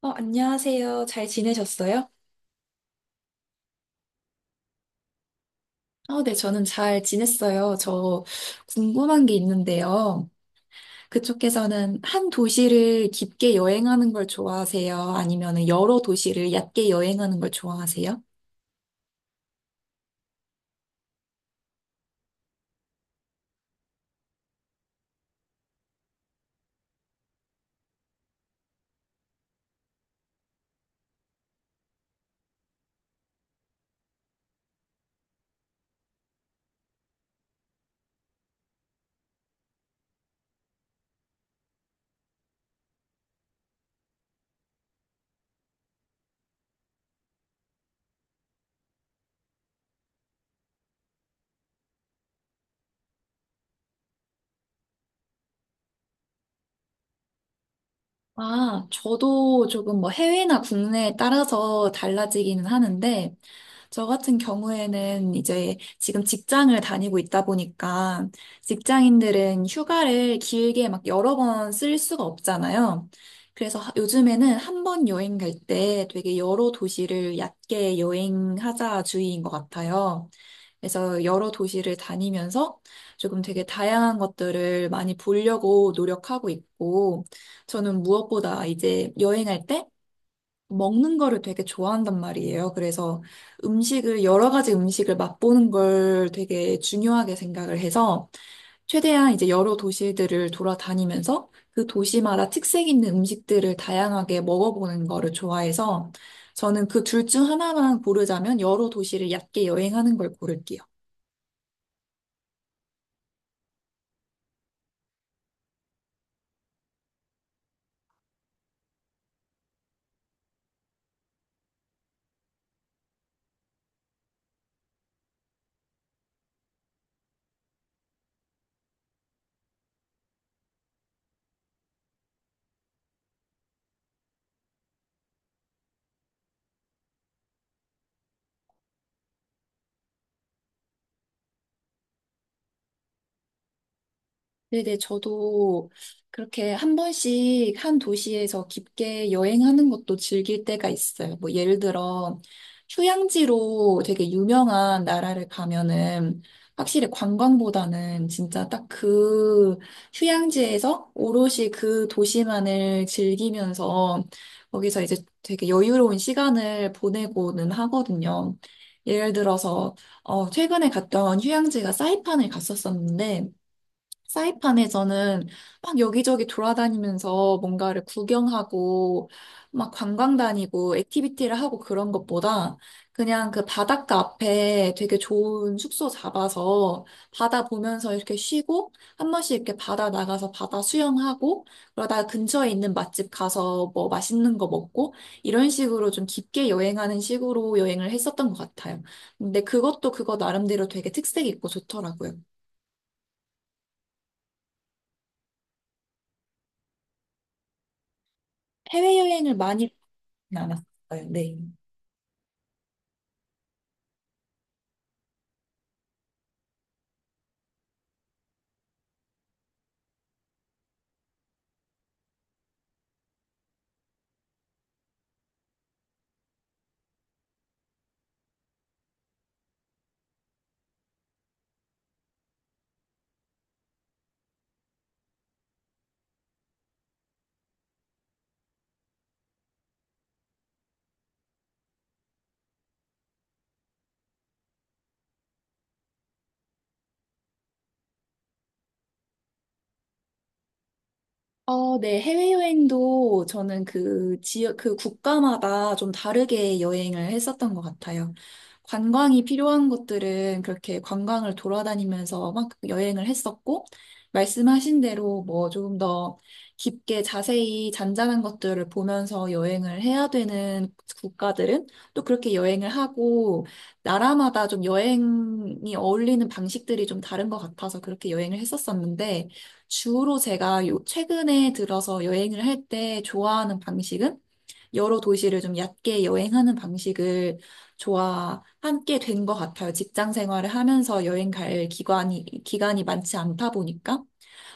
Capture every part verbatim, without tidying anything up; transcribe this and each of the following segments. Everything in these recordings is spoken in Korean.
어, 안녕하세요. 잘 지내셨어요? 어, 네, 저는 잘 지냈어요. 저 궁금한 게 있는데요. 그쪽에서는 한 도시를 깊게 여행하는 걸 좋아하세요? 아니면 여러 도시를 얕게 여행하는 걸 좋아하세요? 아, 저도 조금 뭐 해외나 국내에 따라서 달라지기는 하는데, 저 같은 경우에는 이제 지금 직장을 다니고 있다 보니까 직장인들은 휴가를 길게 막 여러 번 쓸 수가 없잖아요. 그래서 하- 요즘에는 한 번 여행 갈 때 되게 여러 도시를 얕게 여행하자 주의인 것 같아요. 그래서 여러 도시를 다니면서 조금 되게 다양한 것들을 많이 보려고 노력하고 있고, 저는 무엇보다 이제 여행할 때 먹는 거를 되게 좋아한단 말이에요. 그래서 음식을, 여러 가지 음식을 맛보는 걸 되게 중요하게 생각을 해서 최대한 이제 여러 도시들을 돌아다니면서 그 도시마다 특색 있는 음식들을 다양하게 먹어보는 거를 좋아해서 저는 그 둘 중 하나만 고르자면 여러 도시를 얕게 여행하는 걸 고를게요. 네네, 저도 그렇게 한 번씩 한 도시에서 깊게 여행하는 것도 즐길 때가 있어요. 뭐 예를 들어 휴양지로 되게 유명한 나라를 가면은 확실히 관광보다는 진짜 딱 그 휴양지에서 오롯이 그 도시만을 즐기면서 거기서 이제 되게 여유로운 시간을 보내고는 하거든요. 예를 들어서 어, 최근에 갔던 휴양지가 사이판을 갔었었는데 사이판에서는 막 여기저기 돌아다니면서 뭔가를 구경하고 막 관광 다니고 액티비티를 하고 그런 것보다 그냥 그 바닷가 앞에 되게 좋은 숙소 잡아서 바다 보면서 이렇게 쉬고 한 번씩 이렇게 바다 나가서 바다 수영하고 그러다가 근처에 있는 맛집 가서 뭐 맛있는 거 먹고 이런 식으로 좀 깊게 여행하는 식으로 여행을 했었던 것 같아요. 근데 그것도 그거 나름대로 되게 특색 있고 좋더라고요. 해외여행을 많이 나았어요 네. 어, 네. 해외여행도 저는 그 지역, 그 국가마다 좀 다르게 여행을 했었던 것 같아요. 관광이 필요한 곳들은 그렇게 관광을 돌아다니면서 막 여행을 했었고, 말씀하신 대로 뭐 조금 더 깊게 자세히 잔잔한 것들을 보면서 여행을 해야 되는 국가들은 또 그렇게 여행을 하고, 나라마다 좀 여행이 어울리는 방식들이 좀 다른 것 같아서 그렇게 여행을 했었었는데, 주로 제가 요- 최근에 들어서 여행을 할 때 좋아하는 방식은 여러 도시를 좀 얕게 여행하는 방식을 좋아하게 된 것 같아요. 직장 생활을 하면서 여행 갈 기간이, 기간이 많지 않다 보니까.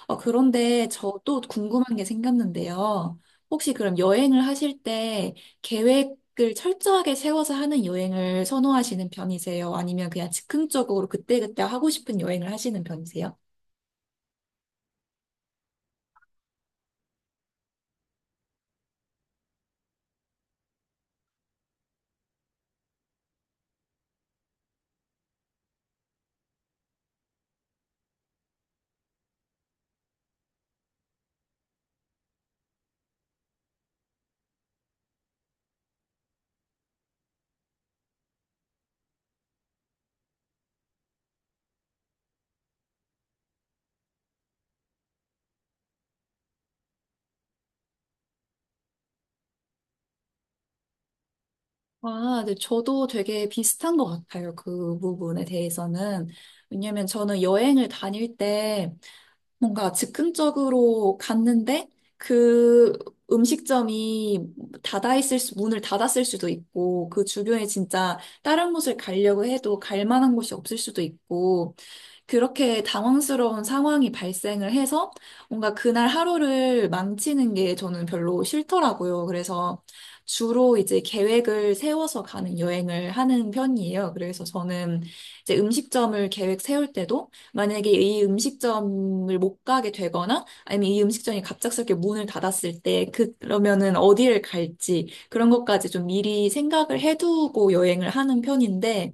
어, 그런데 저 또 궁금한 게 생겼는데요. 혹시 그럼 여행을 하실 때 계획을 철저하게 세워서 하는 여행을 선호하시는 편이세요? 아니면 그냥 즉흥적으로 그때그때 하고 싶은 여행을 하시는 편이세요? 아, 네, 저도 되게 비슷한 것 같아요. 그 부분에 대해서는. 왜냐면 저는 여행을 다닐 때 뭔가 즉흥적으로 갔는데 그 음식점이 닫아 있을 수, 문을 닫았을 수도 있고 그 주변에 진짜 다른 곳을 가려고 해도 갈 만한 곳이 없을 수도 있고 그렇게 당황스러운 상황이 발생을 해서 뭔가 그날 하루를 망치는 게 저는 별로 싫더라고요. 그래서 주로 이제 계획을 세워서 가는 여행을 하는 편이에요. 그래서 저는 이제 음식점을 계획 세울 때도 만약에 이 음식점을 못 가게 되거나 아니면 이 음식점이 갑작스럽게 문을 닫았을 때 그- 그러면은 어디를 갈지 그런 것까지 좀 미리 생각을 해두고 여행을 하는 편인데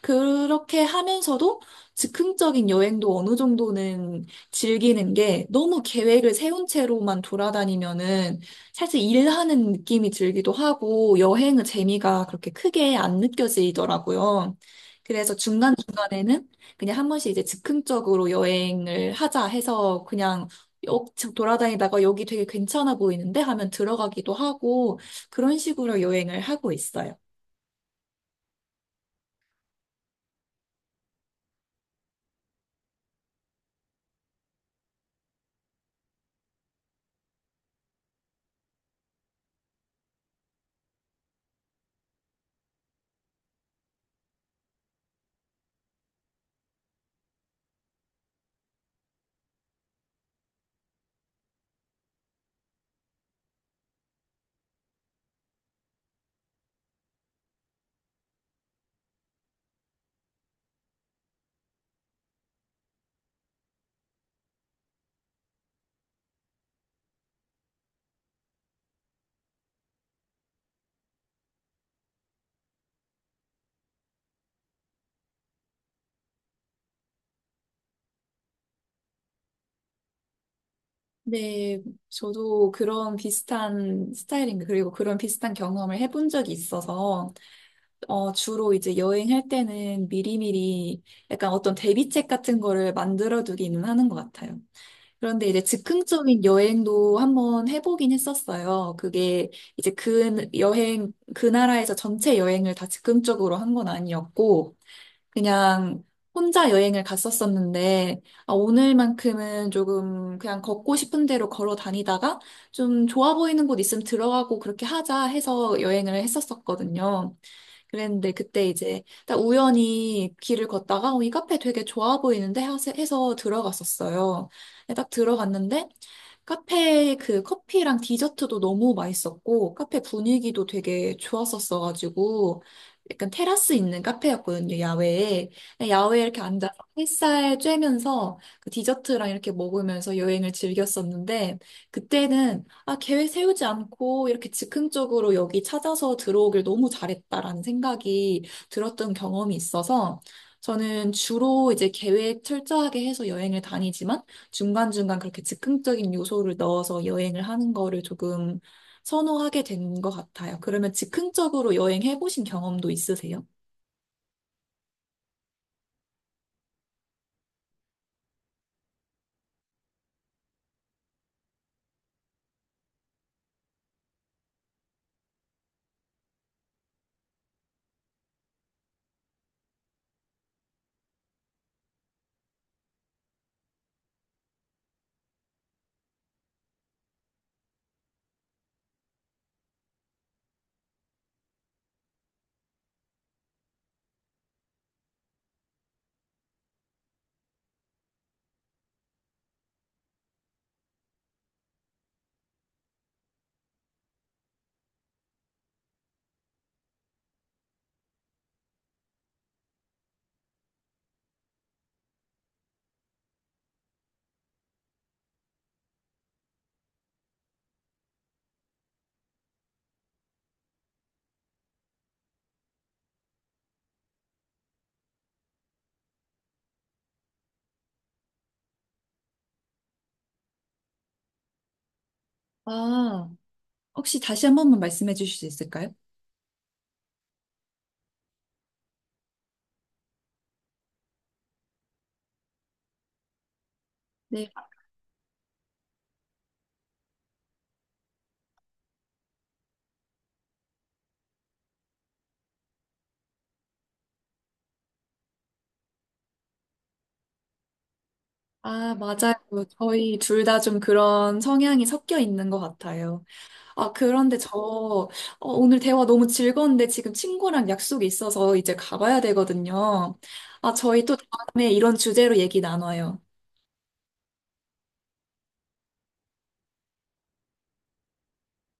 그렇게 하면서도 즉흥적인 여행도 어느 정도는 즐기는 게 너무 계획을 세운 채로만 돌아다니면은 사실 일하는 느낌이 들기도 하고 여행의 재미가 그렇게 크게 안 느껴지더라고요. 그래서 중간중간에는 그냥 한 번씩 이제 즉흥적으로 여행을 하자 해서 그냥 여- 돌아다니다가 여기 되게 괜찮아 보이는데 하면 들어가기도 하고 그런 식으로 여행을 하고 있어요. 네, 저도 그런 비슷한 스타일인, 그리고 그런 비슷한 경험을 해본 적이 있어서, 어, 주로 이제 여행할 때는 미리미리 약간 어떤 대비책 같은 거를 만들어 두기는 하는 것 같아요. 그런데 이제 즉흥적인 여행도 한번 해보긴 했었어요. 그게 이제 그 여행, 그 나라에서 전체 여행을 다 즉흥적으로 한 건 아니었고, 그냥 혼자 여행을 갔었었는데, 아, 오늘만큼은 조금 그냥 걷고 싶은 대로 걸어 다니다가 좀 좋아 보이는 곳 있으면 들어가고 그렇게 하자 해서 여행을 했었었거든요. 그랬는데 그때 이제 딱 우연히 길을 걷다가 어, 이 카페 되게 좋아 보이는데 해서 해서 들어갔었어요. 근데 딱 들어갔는데 카페 그 커피랑 디저트도 너무 맛있었고, 카페 분위기도 되게 좋았었어가지고, 약간 테라스 있는 카페였거든요, 야외에. 야외에 이렇게 앉아서 햇살 쬐면서 그 디저트랑 이렇게 먹으면서 여행을 즐겼었는데, 그때는, 아, 계획 세우지 않고 이렇게 즉흥적으로 여기 찾아서 들어오길 너무 잘했다라는 생각이 들었던 경험이 있어서, 저는 주로 이제 계획 철저하게 해서 여행을 다니지만, 중간중간 그렇게 즉흥적인 요소를 넣어서 여행을 하는 거를 조금 선호하게 된 것 같아요. 그러면 즉흥적으로 여행해 보신 경험도 있으세요? 아, 혹시 다시 한 번만 말씀해 주실 수 있을까요? 네, 아, 맞아요. 저희 둘 다 좀 그런 성향이 섞여 있는 것 같아요. 아, 그런데 저 어, 오늘 대화 너무 즐거운데 지금 친구랑 약속이 있어서 이제 가봐야 되거든요. 아, 저희 또 다음에 이런 주제로 얘기 나눠요.